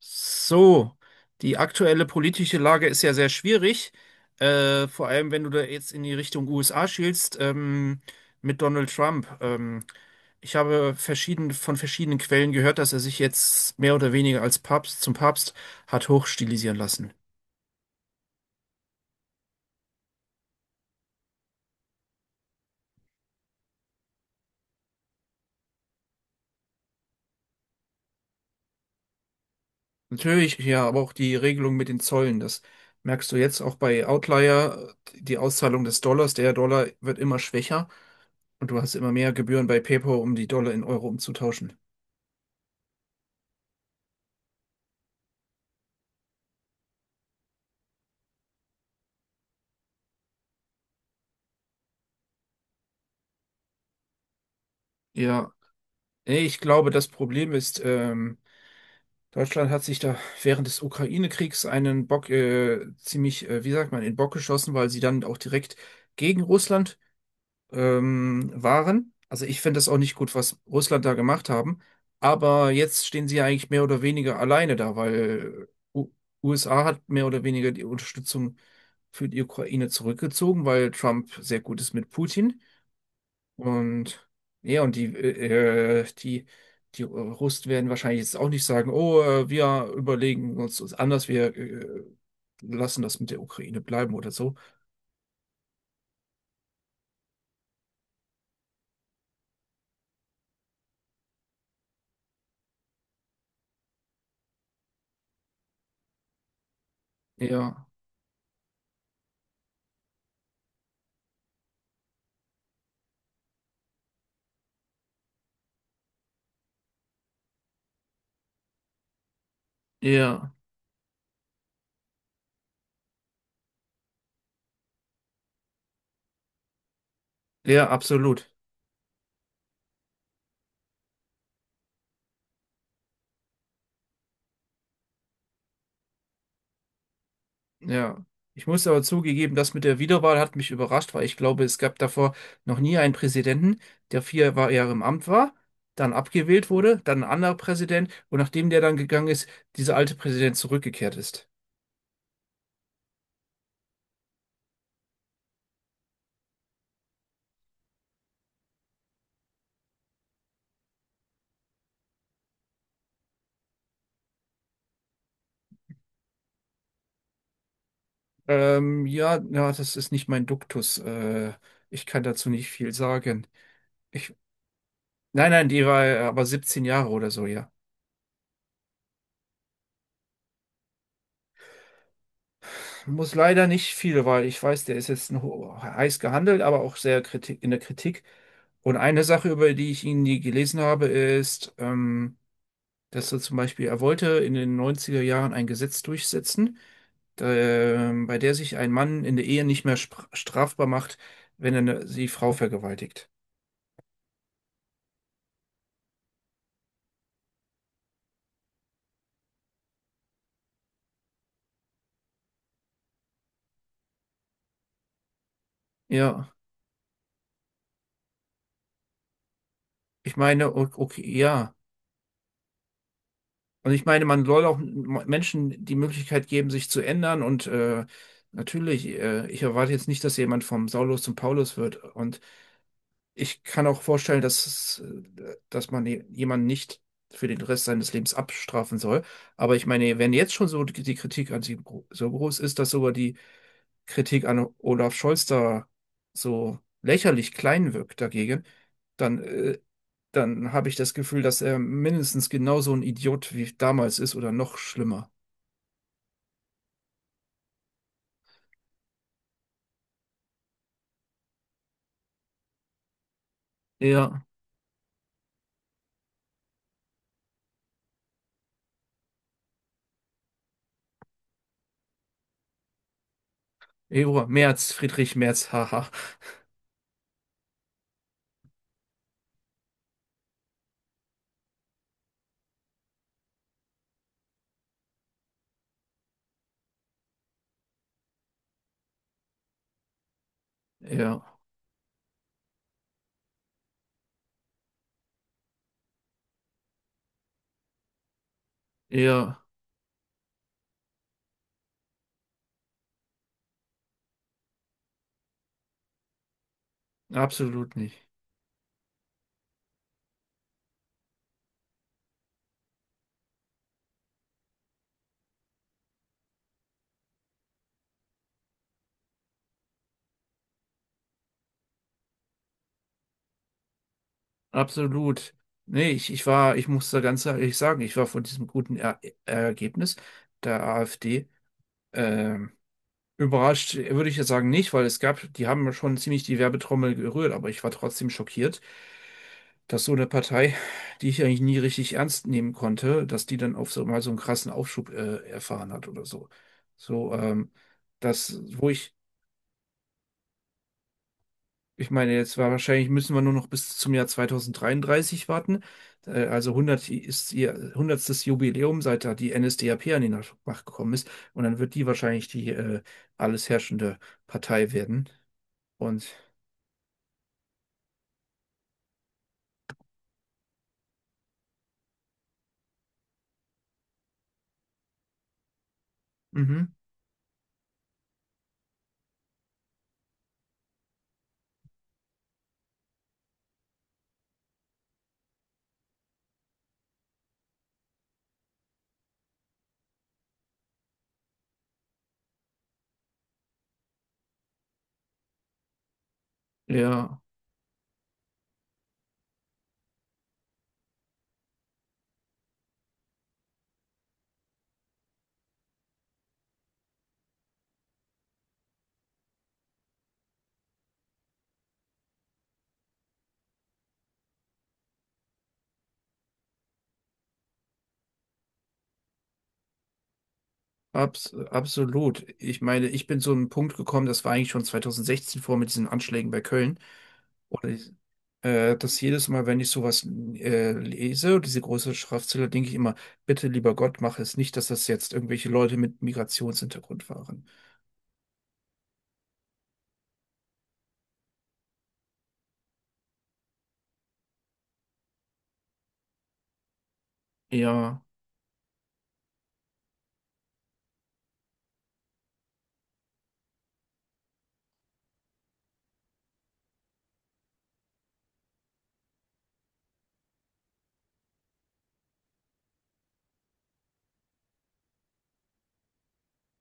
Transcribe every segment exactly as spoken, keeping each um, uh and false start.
So, die aktuelle politische Lage ist ja sehr schwierig, äh, vor allem wenn du da jetzt in die Richtung U S A schielst, ähm, mit Donald Trump. Ähm, ich habe verschieden, von verschiedenen Quellen gehört, dass er sich jetzt mehr oder weniger als Papst zum Papst hat hochstilisieren lassen. Natürlich, ja, aber auch die Regelung mit den Zöllen, das merkst du jetzt auch bei Outlier, die Auszahlung des Dollars, der Dollar wird immer schwächer und du hast immer mehr Gebühren bei PayPal, um die Dollar in Euro umzutauschen. Ja, nee, ich glaube, das Problem ist, ähm, Deutschland hat sich da während des Ukraine-Kriegs einen Bock äh, ziemlich, äh, wie sagt man, in den Bock geschossen, weil sie dann auch direkt gegen Russland ähm, waren. Also ich finde das auch nicht gut, was Russland da gemacht haben. Aber jetzt stehen sie ja eigentlich mehr oder weniger alleine da, weil äh, U USA hat mehr oder weniger die Unterstützung für die Ukraine zurückgezogen, weil Trump sehr gut ist mit Putin. Und ja, und die, äh, äh, die, die Russen werden wahrscheinlich jetzt auch nicht sagen, oh, äh, wir überlegen uns das anders, wir äh, lassen das mit der Ukraine bleiben oder so. Ja, ja, ja, absolut. Ja. Ich muss aber zugegeben, das mit der Wiederwahl hat mich überrascht, weil ich glaube, es gab davor noch nie einen Präsidenten, der vier Wa- Jahre im Amt war, dann abgewählt wurde, dann ein anderer Präsident und nachdem der dann gegangen ist, dieser alte Präsident zurückgekehrt ist. Ähm, ja, ja, das ist nicht mein Duktus. Äh, ich kann dazu nicht viel sagen. Ich, nein, nein, die war äh, aber siebzehn Jahre oder so, ja. Muss leider nicht viel, weil ich weiß, der ist jetzt ein heiß gehandelt, aber auch sehr Kritik, in der Kritik. Und eine Sache, über die ich ihn nie gelesen habe, ist, ähm, dass er zum Beispiel, er wollte in den neunziger Jahren ein Gesetz durchsetzen, da, ähm, bei der sich ein Mann in der Ehe nicht mehr spr- strafbar macht, wenn er eine, die Frau vergewaltigt. Ja. Ich meine, o- okay, ja. Und ich meine, man soll auch m- Menschen die Möglichkeit geben, sich zu ändern. Und äh, natürlich, äh, ich erwarte jetzt nicht, dass jemand vom Saulus zum Paulus wird. Und ich kann auch vorstellen, dass, es, äh, dass man je- jemanden nicht für den Rest seines Lebens abstrafen soll. Aber ich meine, wenn jetzt schon so die die Kritik an sie gro- so groß ist, dass sogar die Kritik an Olaf Scholz da so lächerlich klein wirkt dagegen, dann, äh, dann habe ich das Gefühl, dass er mindestens genauso ein Idiot wie damals ist oder noch schlimmer. Ja, Ebro, Merz, Friedrich Merz, haha. Ja, ja, absolut nicht. Absolut. Nee, ich, ich war, ich muss da ganz ehrlich sagen, ich war von diesem guten er Ergebnis der AfD. ähm, Überrascht würde ich jetzt sagen nicht, weil es gab, die haben ja schon ziemlich die Werbetrommel gerührt, aber ich war trotzdem schockiert, dass so eine Partei, die ich eigentlich nie richtig ernst nehmen konnte, dass die dann auf so mal so einen krassen Aufschub äh, erfahren hat oder so. So, ähm, das, wo ich, ich meine, jetzt war wahrscheinlich müssen wir nur noch bis zum Jahr zwanzig dreiunddreißig warten. Äh, also hundert ist ihr hundertsten. Jubiläum, seit da die N S D A P an die Macht gekommen ist. Und dann wird die wahrscheinlich die äh, alles herrschende Partei werden. Und mhm. Ja, abs absolut. Ich meine, ich bin zu einem Punkt gekommen, das war eigentlich schon zwanzig sechzehn vor mit diesen Anschlägen bei Köln. Und ich, äh, dass jedes Mal, wenn ich sowas äh, lese, diese große Schriftzelle, denke ich immer, bitte lieber Gott, mach es nicht, dass das jetzt irgendwelche Leute mit Migrationshintergrund waren. Ja,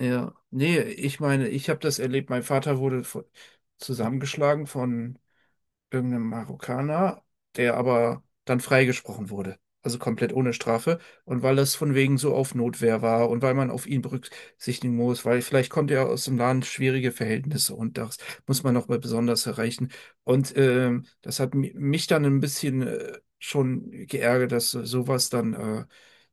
ja. Nee, ich meine, ich habe das erlebt, mein Vater wurde vo- zusammengeschlagen von irgendeinem Marokkaner, der aber dann freigesprochen wurde. Also komplett ohne Strafe. Und weil das von wegen so auf Notwehr war und weil man auf ihn berücksichtigen muss, weil vielleicht kommt er aus dem Land schwierige Verhältnisse und das muss man nochmal besonders erreichen. Und ähm, das hat mi- mich dann ein bisschen äh, schon geärgert, dass so- sowas dann äh,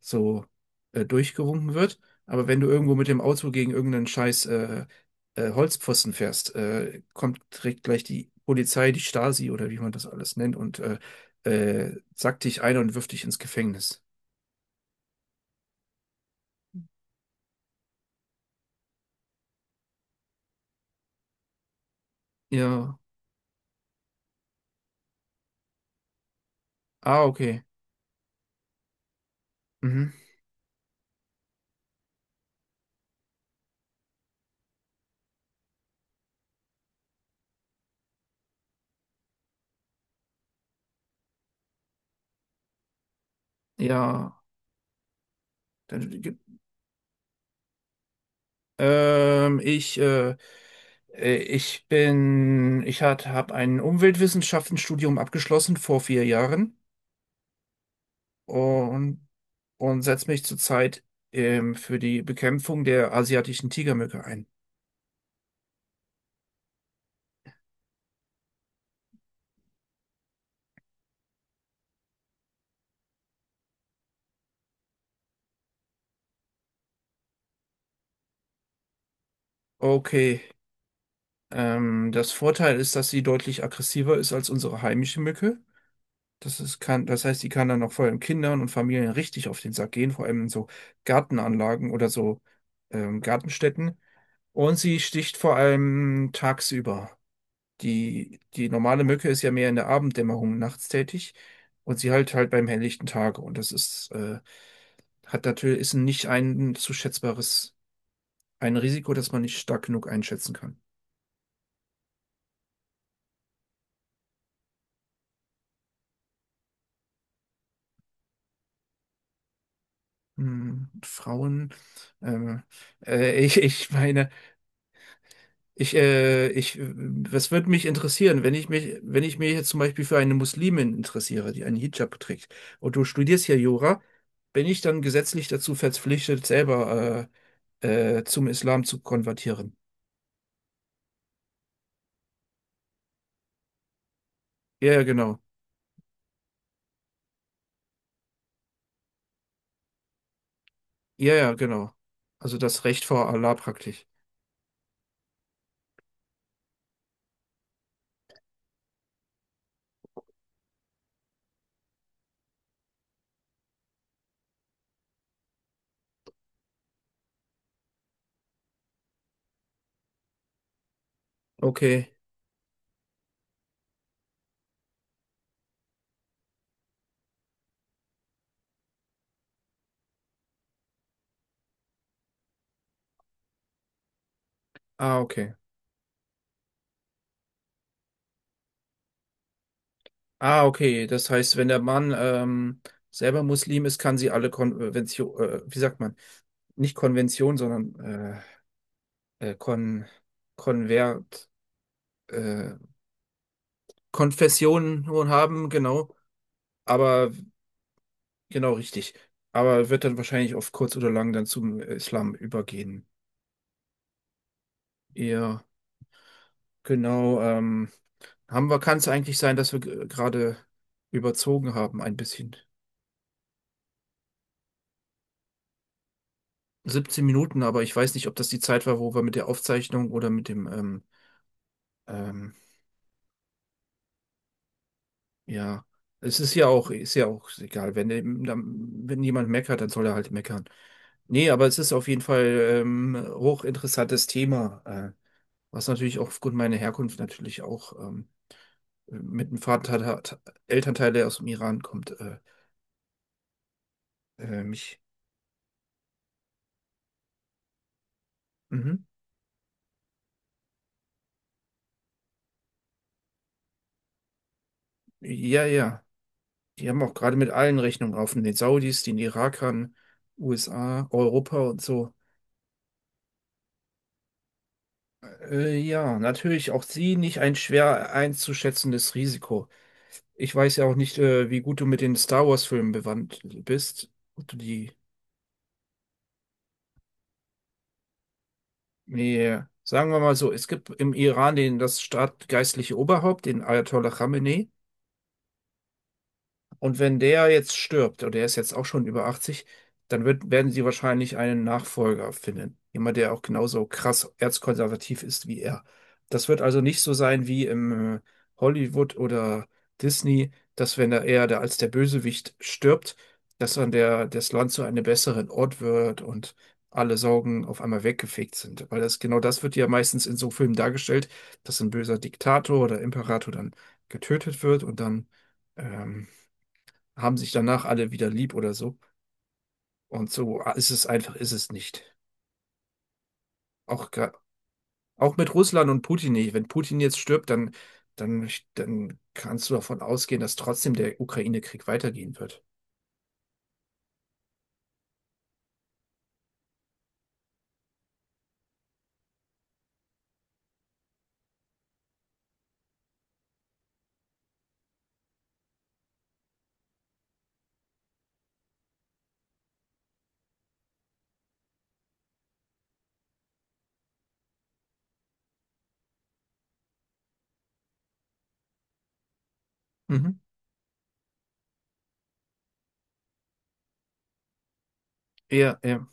so äh, durchgewunken wird. Aber wenn du irgendwo mit dem Auto gegen irgendeinen Scheiß äh, äh, Holzpfosten fährst, äh, kommt direkt gleich die Polizei, die Stasi oder wie man das alles nennt und äh, äh, sackt dich ein und wirft dich ins Gefängnis. Ja. Ah, okay. Mhm. Ja. Dann, gibt- ähm, ich, äh, äh, ich bin, ich hat, habe ein Umweltwissenschaftenstudium abgeschlossen vor vier Jahren und, und setze mich zurzeit ähm, für die Bekämpfung der asiatischen Tigermücke ein. Okay. Ähm, das Vorteil ist, dass sie deutlich aggressiver ist als unsere heimische Mücke. Das ist, kann, das heißt, sie kann dann auch vor allem Kindern und Familien richtig auf den Sack gehen, vor allem in so Gartenanlagen oder so ähm, Gartenstätten. Und sie sticht vor allem tagsüber. Die, die normale Mücke ist ja mehr in der Abenddämmerung nachts tätig und sie halt halt beim helllichten Tage. Und das ist äh, hat natürlich, ist nicht ein zu schätzbares ein Risiko, das man nicht stark genug einschätzen kann. Hm, Frauen, ähm, äh, ich, ich meine, ich, äh, ich, äh, was würde mich interessieren, wenn ich mich, wenn ich mich jetzt zum Beispiel für eine Muslimin interessiere, die einen Hijab trägt, und du studierst hier Jura, bin ich dann gesetzlich dazu verpflichtet, selber äh, äh, zum Islam zu konvertieren? Ja, ja, genau. Ja, ja, genau. Also das Recht vor Allah praktisch. Okay. Ah, okay. Ah, okay. Das heißt, wenn der Mann ähm, selber Muslim ist, kann sie alle Konvention, äh, wie sagt man, nicht Konvention, sondern äh, äh, Kon Konvert, äh, Konfessionen nun haben, genau. Aber genau richtig. Aber wird dann wahrscheinlich auf kurz oder lang dann zum Islam übergehen. Ja, genau. Ähm, haben wir, kann es eigentlich sein, dass wir g- gerade überzogen haben ein bisschen. siebzehn Minuten, aber ich weiß nicht, ob das die Zeit war, wo wir mit der Aufzeichnung oder mit dem, ähm, ähm, ja, es ist ja auch, ist ja auch egal. Wenn, der- dann- wenn jemand meckert, dann soll er halt meckern. Nee, aber es ist auf jeden Fall ähm, hochinteressantes Thema, äh, was natürlich auch aufgrund meiner Herkunft natürlich auch ähm, mit einem Vater, hat- Elternteil, der aus dem Iran kommt, äh, äh, mich. Mhm. Ja, ja. Die haben auch gerade mit allen Rechnungen offen, den Saudis, den Irakern, U S A, Europa und so. Äh, ja, natürlich auch sie nicht ein schwer einzuschätzendes Risiko. Ich weiß ja auch nicht, äh, wie gut du mit den Star Wars-Filmen bewandt bist. Ob du die, nee, sagen wir mal so, es gibt im Iran den, das staatgeistliche Oberhaupt, den Ayatollah Khamenei. Und wenn der jetzt stirbt, oder der ist jetzt auch schon über achtzig, dann wird, werden sie wahrscheinlich einen Nachfolger finden. Jemand, der auch genauso krass erzkonservativ ist wie er. Das wird also nicht so sein wie im äh, Hollywood oder Disney, dass wenn er eher der, als der Bösewicht stirbt, dass dann der, das Land zu einem besseren Ort wird und alle Sorgen auf einmal weggefegt sind. Weil das, genau das wird ja meistens in so Filmen dargestellt, dass ein böser Diktator oder Imperator dann getötet wird und dann ähm, haben sich danach alle wieder lieb oder so. Und so ist es einfach, ist es nicht. Auch, gra- auch mit Russland und Putin nicht. Wenn Putin jetzt stirbt, dann, dann, dann kannst du davon ausgehen, dass trotzdem der Ukraine-Krieg weitergehen wird. Mhm. Ja, ja.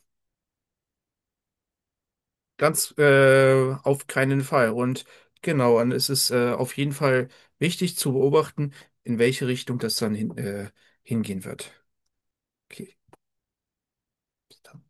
Ganz äh, auf keinen Fall. Und genau, und es ist äh, auf jeden Fall wichtig zu beobachten, in welche Richtung das dann hin, äh, hingehen wird. Okay. Bis dann.